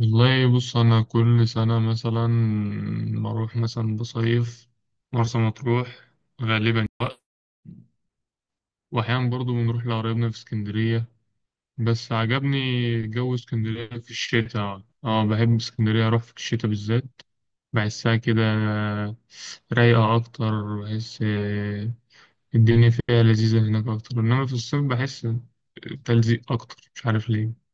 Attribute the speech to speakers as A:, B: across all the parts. A: والله، بص، أنا كل سنة مثلا بروح مثلا بصيف مرسى مطروح غالبا. وأحيانا برضو بنروح لقرايبنا في اسكندرية، بس عجبني جو اسكندرية في الشتاء. اه بحب اسكندرية أروح في الشتاء بالذات. بحسها كده رايقة أكتر. بحس الدنيا فيها لذيذة هناك أكتر، إنما في الصيف بحس تلزيق أكتر، مش عارف ليه.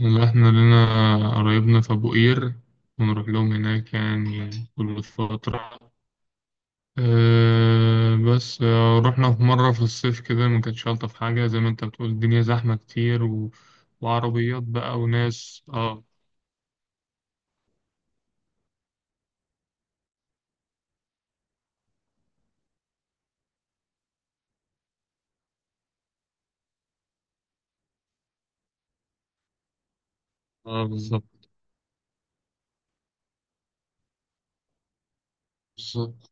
A: إن إحنا لنا قرايبنا في أبو قير، ونروح لهم هناك يعني كل فترة. أه. بس رحنا في مرة في الصيف كده، ما كانتش ألطف حاجة، زي ما أنت بتقول الدنيا زحمة كتير وعربيات بقى وناس. اه. اه، بالظبط. بالظبط.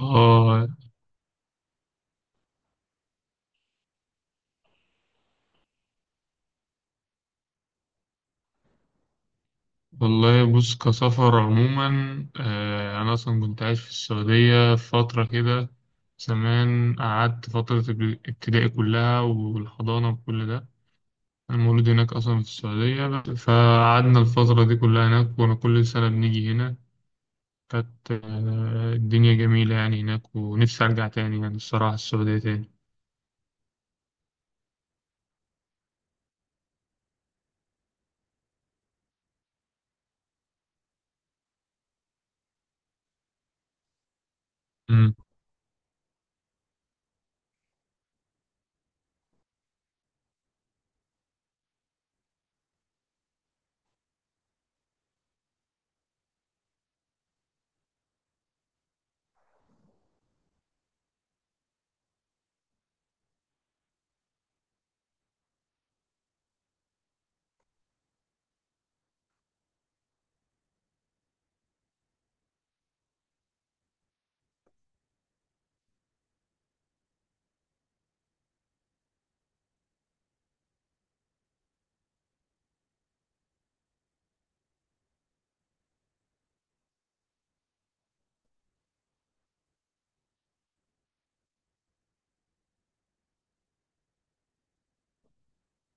A: اه. والله، بص، كسفر عموما، أنا أصلا كنت عايش في السعودية فترة كده، زمان قعدت فترة ابتدائي كلها والحضانة وكل ده. أنا مولود هناك أصلا في السعودية، فقعدنا الفترة دي كلها هناك، كنا كل سنة بنيجي هنا. كانت الدنيا جميلة يعني هناك، ونفسي أرجع تاني يعني الصراحة السعودية تاني. امم.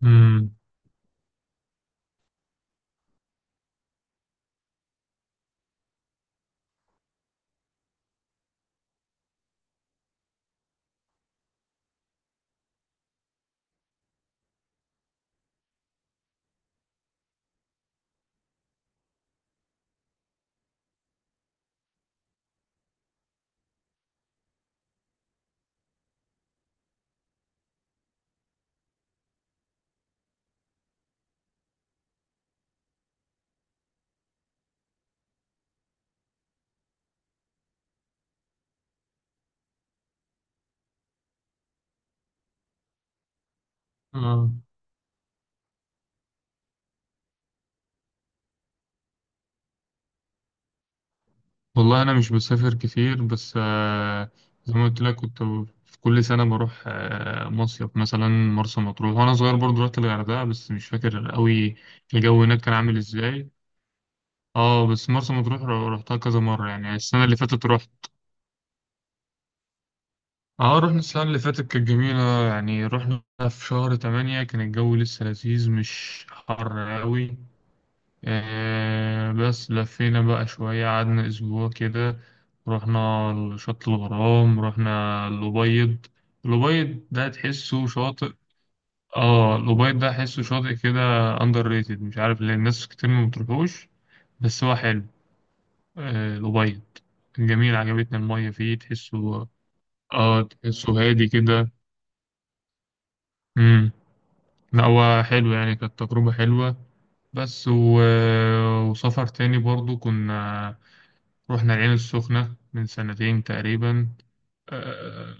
A: امم. آه. والله، أنا مش بسافر كتير، بس زي ما قلت لك كنت في كل سنة بروح مصيف مثلا مرسى مطروح. وأنا صغير برضه رحت الغردقة، بس مش فاكر أوي الجو هناك كان عامل إزاي. اه، بس مرسى مطروح روحتها كذا مرة يعني، السنة اللي فاتت روحت. اه، رحنا السنة اللي فاتت، كانت جميلة يعني، رحنا في شهر تمانية كان الجو لسه لذيذ مش حر أوي. بس لفينا بقى شوية، قعدنا أسبوع كده. رحنا شط الغرام، رحنا الأبيض. الأبيض ده تحسه شاطئ. اه، الأبيض ده تحسه شاطئ كده أندر ريتد، مش عارف ليه الناس كتير ما بتروحوش، بس هو حلو. الأبيض كان جميل، عجبتنا المية فيه تحسه. اه، تحسه هادي كده. لا، هو حلو يعني، كانت تجربة حلوة. بس وسفر تاني برضو كنا رحنا العين السخنة من سنتين تقريبا. اه.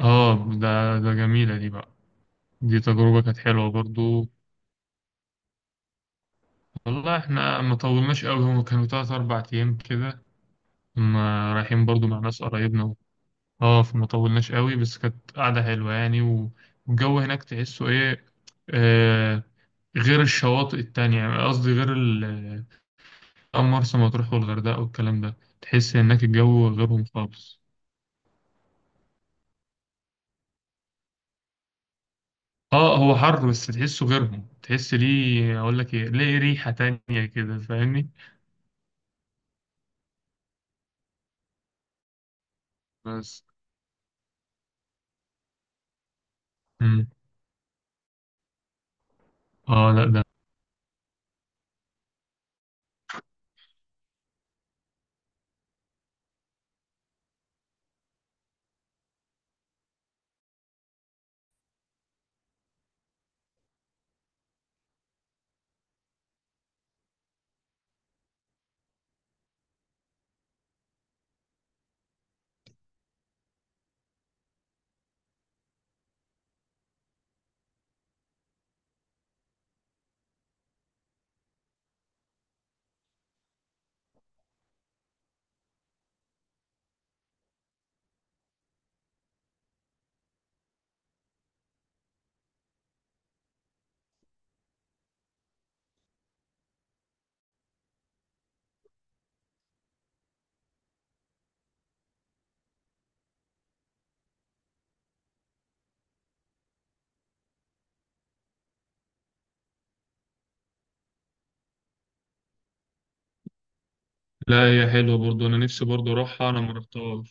A: ده جميلة دي بقى. دي تجربة كانت حلوة برضو. والله احنا ما طولناش قوي، هم كانوا تلات أربع أيام كده. كنا رايحين برضو مع ناس قرايبنا. اه، فما طولناش قوي بس كانت قعدة حلوة يعني. والجو هناك تحسه ايه، آه، غير الشواطئ التانية. يعني قصدي غير أو مرسى مطروح والغردقة والكلام ده، تحس هناك الجو غيرهم خالص. اه، هو حر بس تحسه غيرهم، تحس ليه اقول لك ايه، ليه ريحة تانية كده، فاهمني؟ بس. مم. اه. لا، ده، لا، هي حلوة برضو، انا نفسي برضو اروحها، انا ما رحتهاش.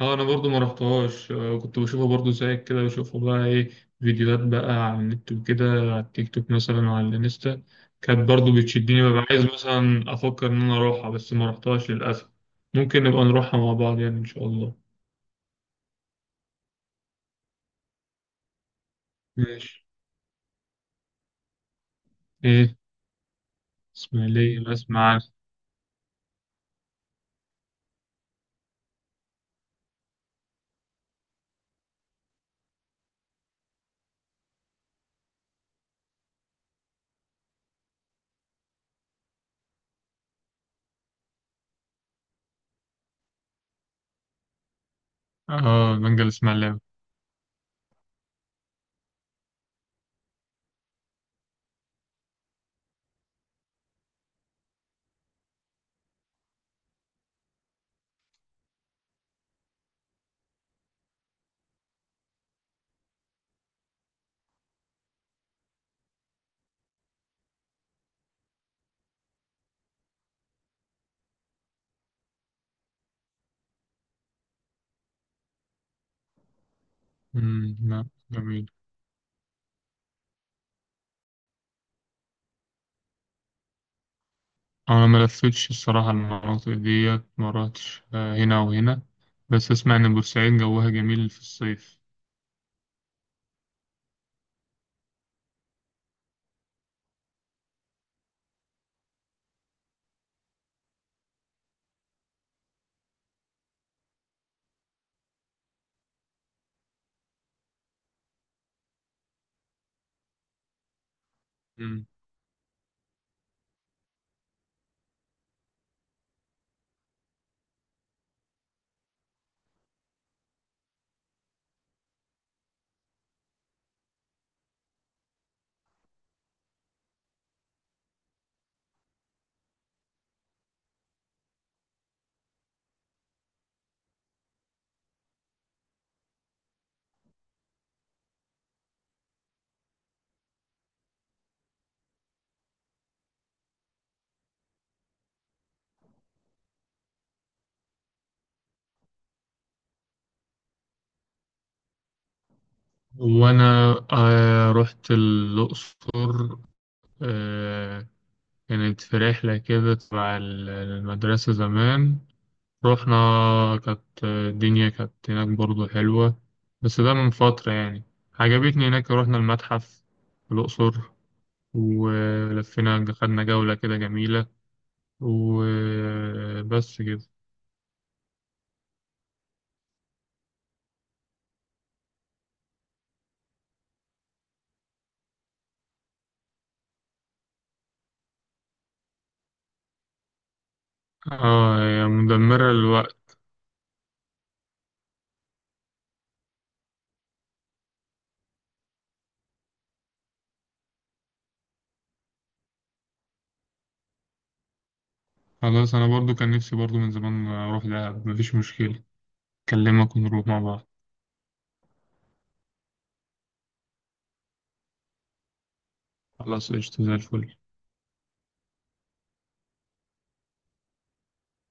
A: اه، انا برضو ما رحتهاش. كنت بشوفها برضو زيك كده، بشوفها بقى ايه، فيديوهات بقى على النت وكده، على التيك توك مثلا وعلى الانستا. كانت برضو بتشدني، ببقى عايز مثلا افكر ان انا اروحها، بس ما رحتهاش للاسف. ممكن نبقى نروحها مع بعض يعني ان شاء الله. ماشي. ايه. اسماعيلية، اسمع عارف. اه، بنجا الاسماعيلاوي. أمم، لا جميل. انا ما لفتش الصراحة المناطق ديت، ما رحتش هنا وهنا، بس اسمع ان بورسعيد جوها جميل في الصيف. أمم. وانا رحت الاقصر، آه كانت في رحلة كده تبع المدرسة زمان. رحنا، كانت الدنيا كانت هناك برضو حلوة، بس ده من فترة يعني. عجبتني هناك، رحنا المتحف في الأقصر، ولفينا خدنا جولة كده جميلة، وبس كده. اه، هي مدمرة للوقت. خلاص، أنا برضو كان نفسي برضو من زمان أروح دهب، مفيش مشكلة، أكلمك ونروح مع بعض. خلاص، قشطة زي الفل.